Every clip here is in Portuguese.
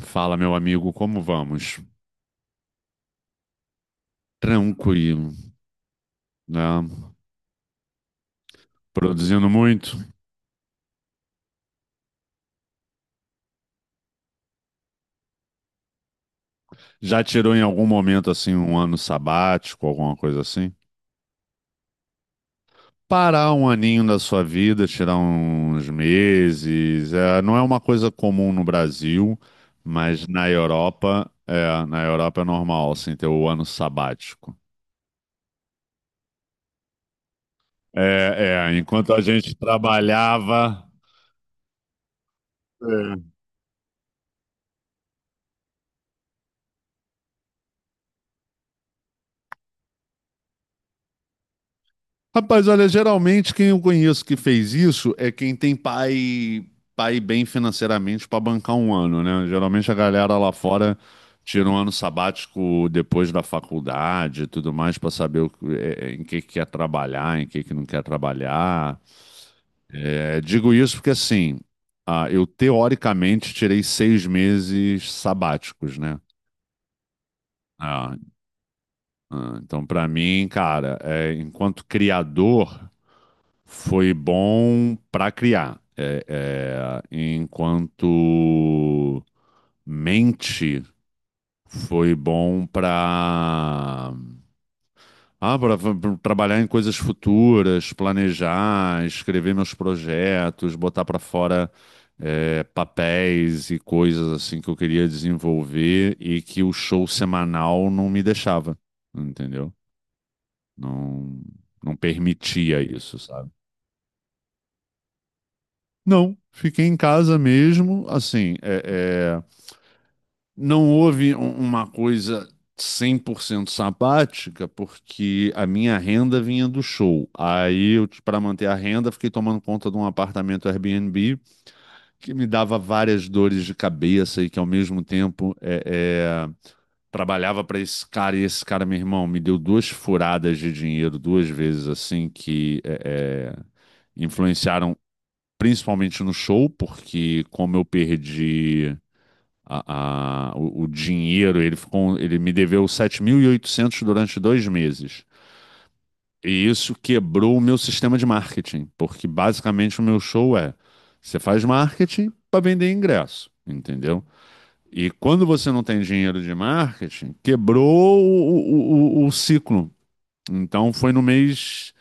Fala, meu amigo, como vamos? Tranquilo, né? Produzindo muito. Já tirou em algum momento assim um ano sabático, alguma coisa assim? Parar um aninho da sua vida, tirar uns meses, não é uma coisa comum no Brasil, mas na Europa, na Europa é normal assim ter o ano sabático. Enquanto a gente trabalhava, é, rapaz, olha, geralmente quem eu conheço que fez isso é quem tem pai, pai bem financeiramente para bancar um ano, né? Geralmente a galera lá fora tira um ano sabático depois da faculdade e tudo mais para saber o que- em que quer trabalhar, em que não quer trabalhar. É, digo isso porque assim, eu teoricamente tirei 6 meses sabáticos, né? Ah, então para mim, cara, é, enquanto criador foi bom para criar. É, é, enquanto mente foi bom pra para trabalhar em coisas futuras, planejar, escrever meus projetos, botar para fora papéis e coisas assim que eu queria desenvolver e que o show semanal não me deixava, entendeu? Não, não permitia isso, sabe? Não, fiquei em casa mesmo. Assim, não houve um- uma coisa 100% sabática, porque a minha renda vinha do show. Aí, eu, para manter a renda, fiquei tomando conta de um apartamento Airbnb que me dava várias dores de cabeça e que, ao mesmo tempo, é, trabalhava para esse cara. E esse cara, meu irmão, me deu duas furadas de dinheiro duas vezes, assim, que influenciaram principalmente no show, porque como eu perdi o dinheiro, ele ficou, ele me deveu 7.800 durante 2 meses. E isso quebrou o meu sistema de marketing, porque basicamente o meu show é você faz marketing para vender ingresso, entendeu? E quando você não tem dinheiro de marketing, quebrou o ciclo. Então foi no mês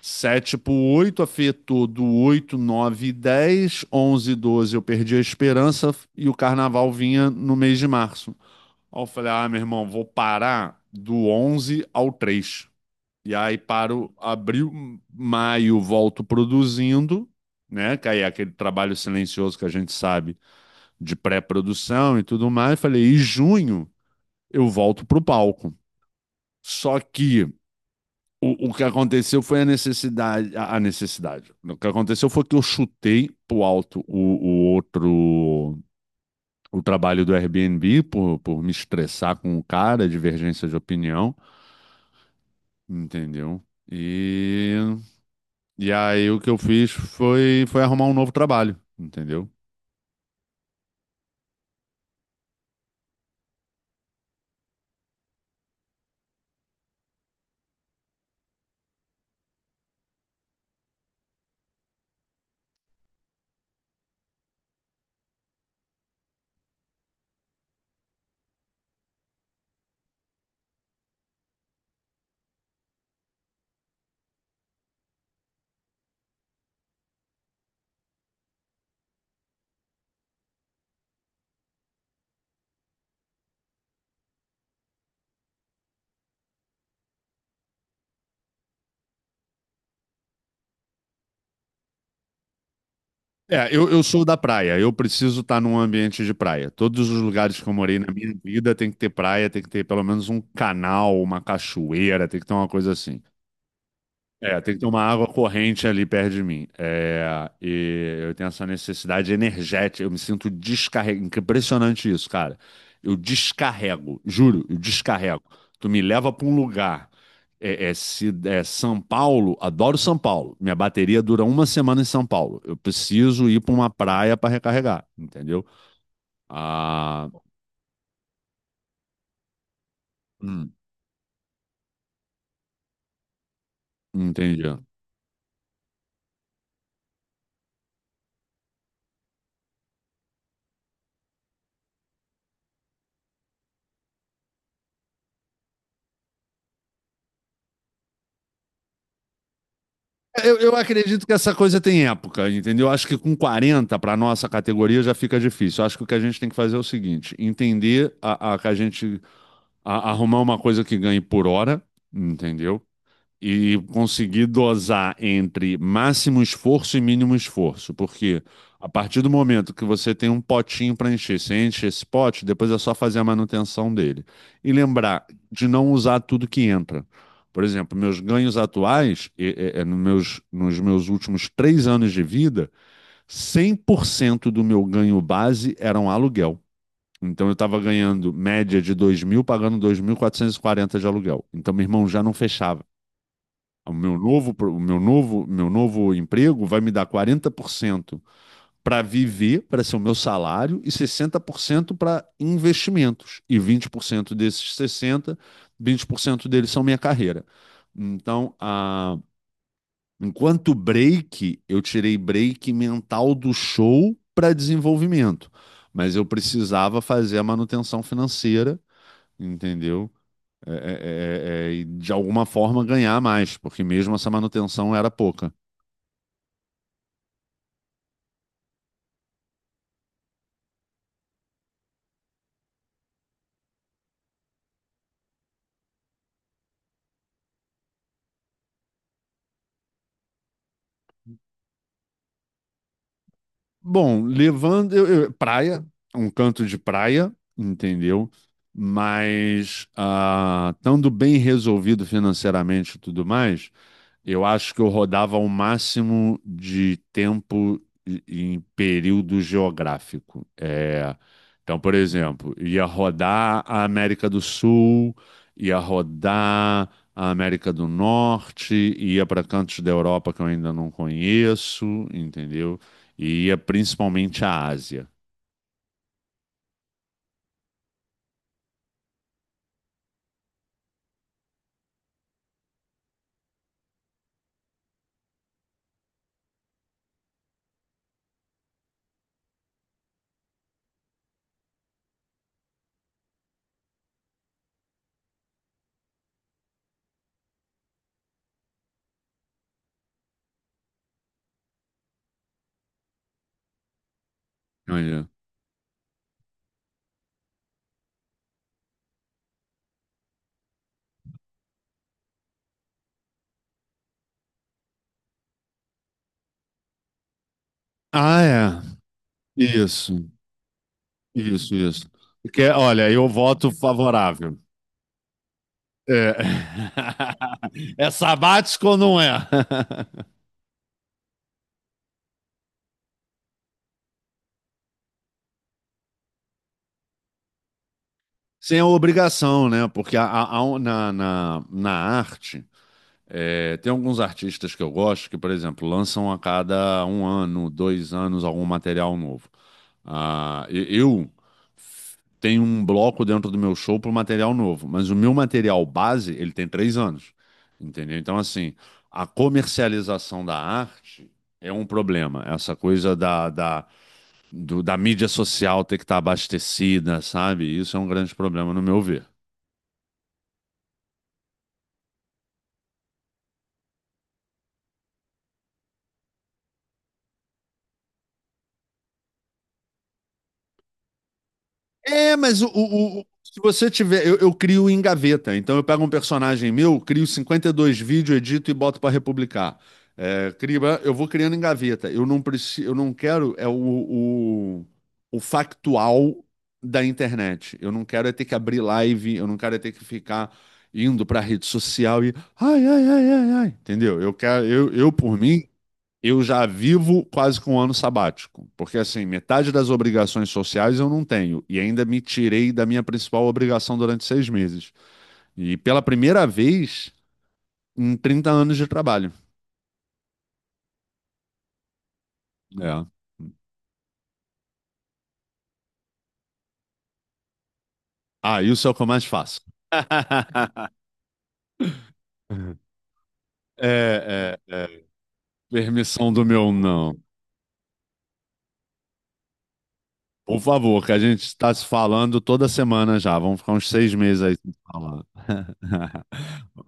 7 pro 8, afetou do 8, 9 e 10. 11 e 12 eu perdi a esperança e o carnaval vinha no mês de março. Aí eu falei, ah, meu irmão, vou parar do 11 ao 3. E aí paro abril, maio, volto produzindo, né? Que aí é aquele trabalho silencioso que a gente sabe, de pré-produção e tudo mais. Falei, e junho eu volto pro palco. Só que o que aconteceu foi a necessidade, a necessidade. O que aconteceu foi que eu chutei pro alto o outro, o trabalho do Airbnb por, me estressar com o cara, divergência de opinião, entendeu? E, e aí o que eu fiz foi, arrumar um novo trabalho, entendeu? É, eu sou da praia, eu preciso estar num ambiente de praia. Todos os lugares que eu morei na minha vida tem que ter praia, tem que ter pelo menos um canal, uma cachoeira, tem que ter uma coisa assim. É, tem que ter uma água corrente ali perto de mim. É, e eu tenho essa necessidade energética. Eu me sinto descarrego. Impressionante isso, cara. Eu descarrego, juro, eu descarrego. Tu me leva pra um lugar. É, é, se, é São Paulo, adoro São Paulo. Minha bateria dura uma semana em São Paulo. Eu preciso ir pra uma praia pra recarregar, entendeu? Ah, hum, entendi. É, eu acredito que essa coisa tem época, entendeu? Acho que com 40 para nossa categoria já fica difícil. Acho que o que a gente tem que fazer é o seguinte: entender a- que a gente a- arrumar uma coisa que ganhe por hora, entendeu? E conseguir dosar entre máximo esforço e mínimo esforço, porque a partir do momento que você tem um potinho para encher, você enche esse pote, depois é só fazer a manutenção dele. E lembrar de não usar tudo que entra. Por exemplo, meus ganhos atuais, nos meus últimos 3 anos de vida, 100% do meu ganho base era um aluguel. Então eu estava ganhando média de 2.000, pagando 2.440 de aluguel. Então meu irmão já não fechava o meu novo, pro- o meu novo emprego vai me dar 40% para viver, para ser o meu salário, e 60% para investimentos. E 20% desses 60, 20% deles são minha carreira. Então, a, enquanto break, eu tirei break mental do show para desenvolvimento. Mas eu precisava fazer a manutenção financeira, entendeu? E de alguma forma ganhar mais, porque mesmo essa manutenção era pouca. Bom, levando praia, um canto de praia, entendeu? Mas ah, estando bem resolvido financeiramente e tudo mais, eu acho que eu rodava o máximo de tempo em período geográfico. É, então, por exemplo, ia rodar a América do Sul, ia rodar a América do Norte, ia para cantos da Europa que eu ainda não conheço, entendeu? E ia principalmente à Ásia. Olha. Ah, é. Isso, isso, isso. Porque, olha, eu voto favorável. É. É sabático ou não é? Sem a obrigação, né? Porque na arte, é, tem alguns artistas que eu gosto que, por exemplo, lançam a cada um ano, 2 anos, algum material novo. Ah, eu tenho um bloco dentro do meu show para material novo, mas o meu material base, ele tem 3 anos, entendeu? Então, assim, a comercialização da arte é um problema. Essa coisa da mídia social ter que estar abastecida, sabe? Isso é um grande problema, no meu ver. É, mas se você tiver. Eu, crio em gaveta. Então eu pego um personagem meu, crio 52 vídeos, edito e boto para republicar. É, crio- eu vou criando em gaveta. Eu não preciso, eu não quero é o factual da internet. Eu não quero é ter que abrir live, eu não quero é ter que ficar indo para a rede social e ai, ai, ai, ai, ai. Entendeu? Eu quero, eu por mim, eu já vivo quase com um ano sabático, porque assim, metade das obrigações sociais eu não tenho, e ainda me tirei da minha principal obrigação durante 6 meses. E pela primeira vez em 30 anos de trabalho. É. Ah, isso é o que eu mais faço. É, é, é. Permissão do meu não. Por favor, que a gente está se falando toda semana já. Vamos ficar uns 6 meses aí sem se falando.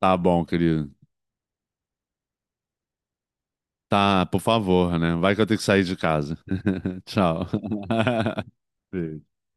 Tá bom, querido. Tá, por favor, né? Vai que eu tenho que sair de casa. Tchau. Beijo.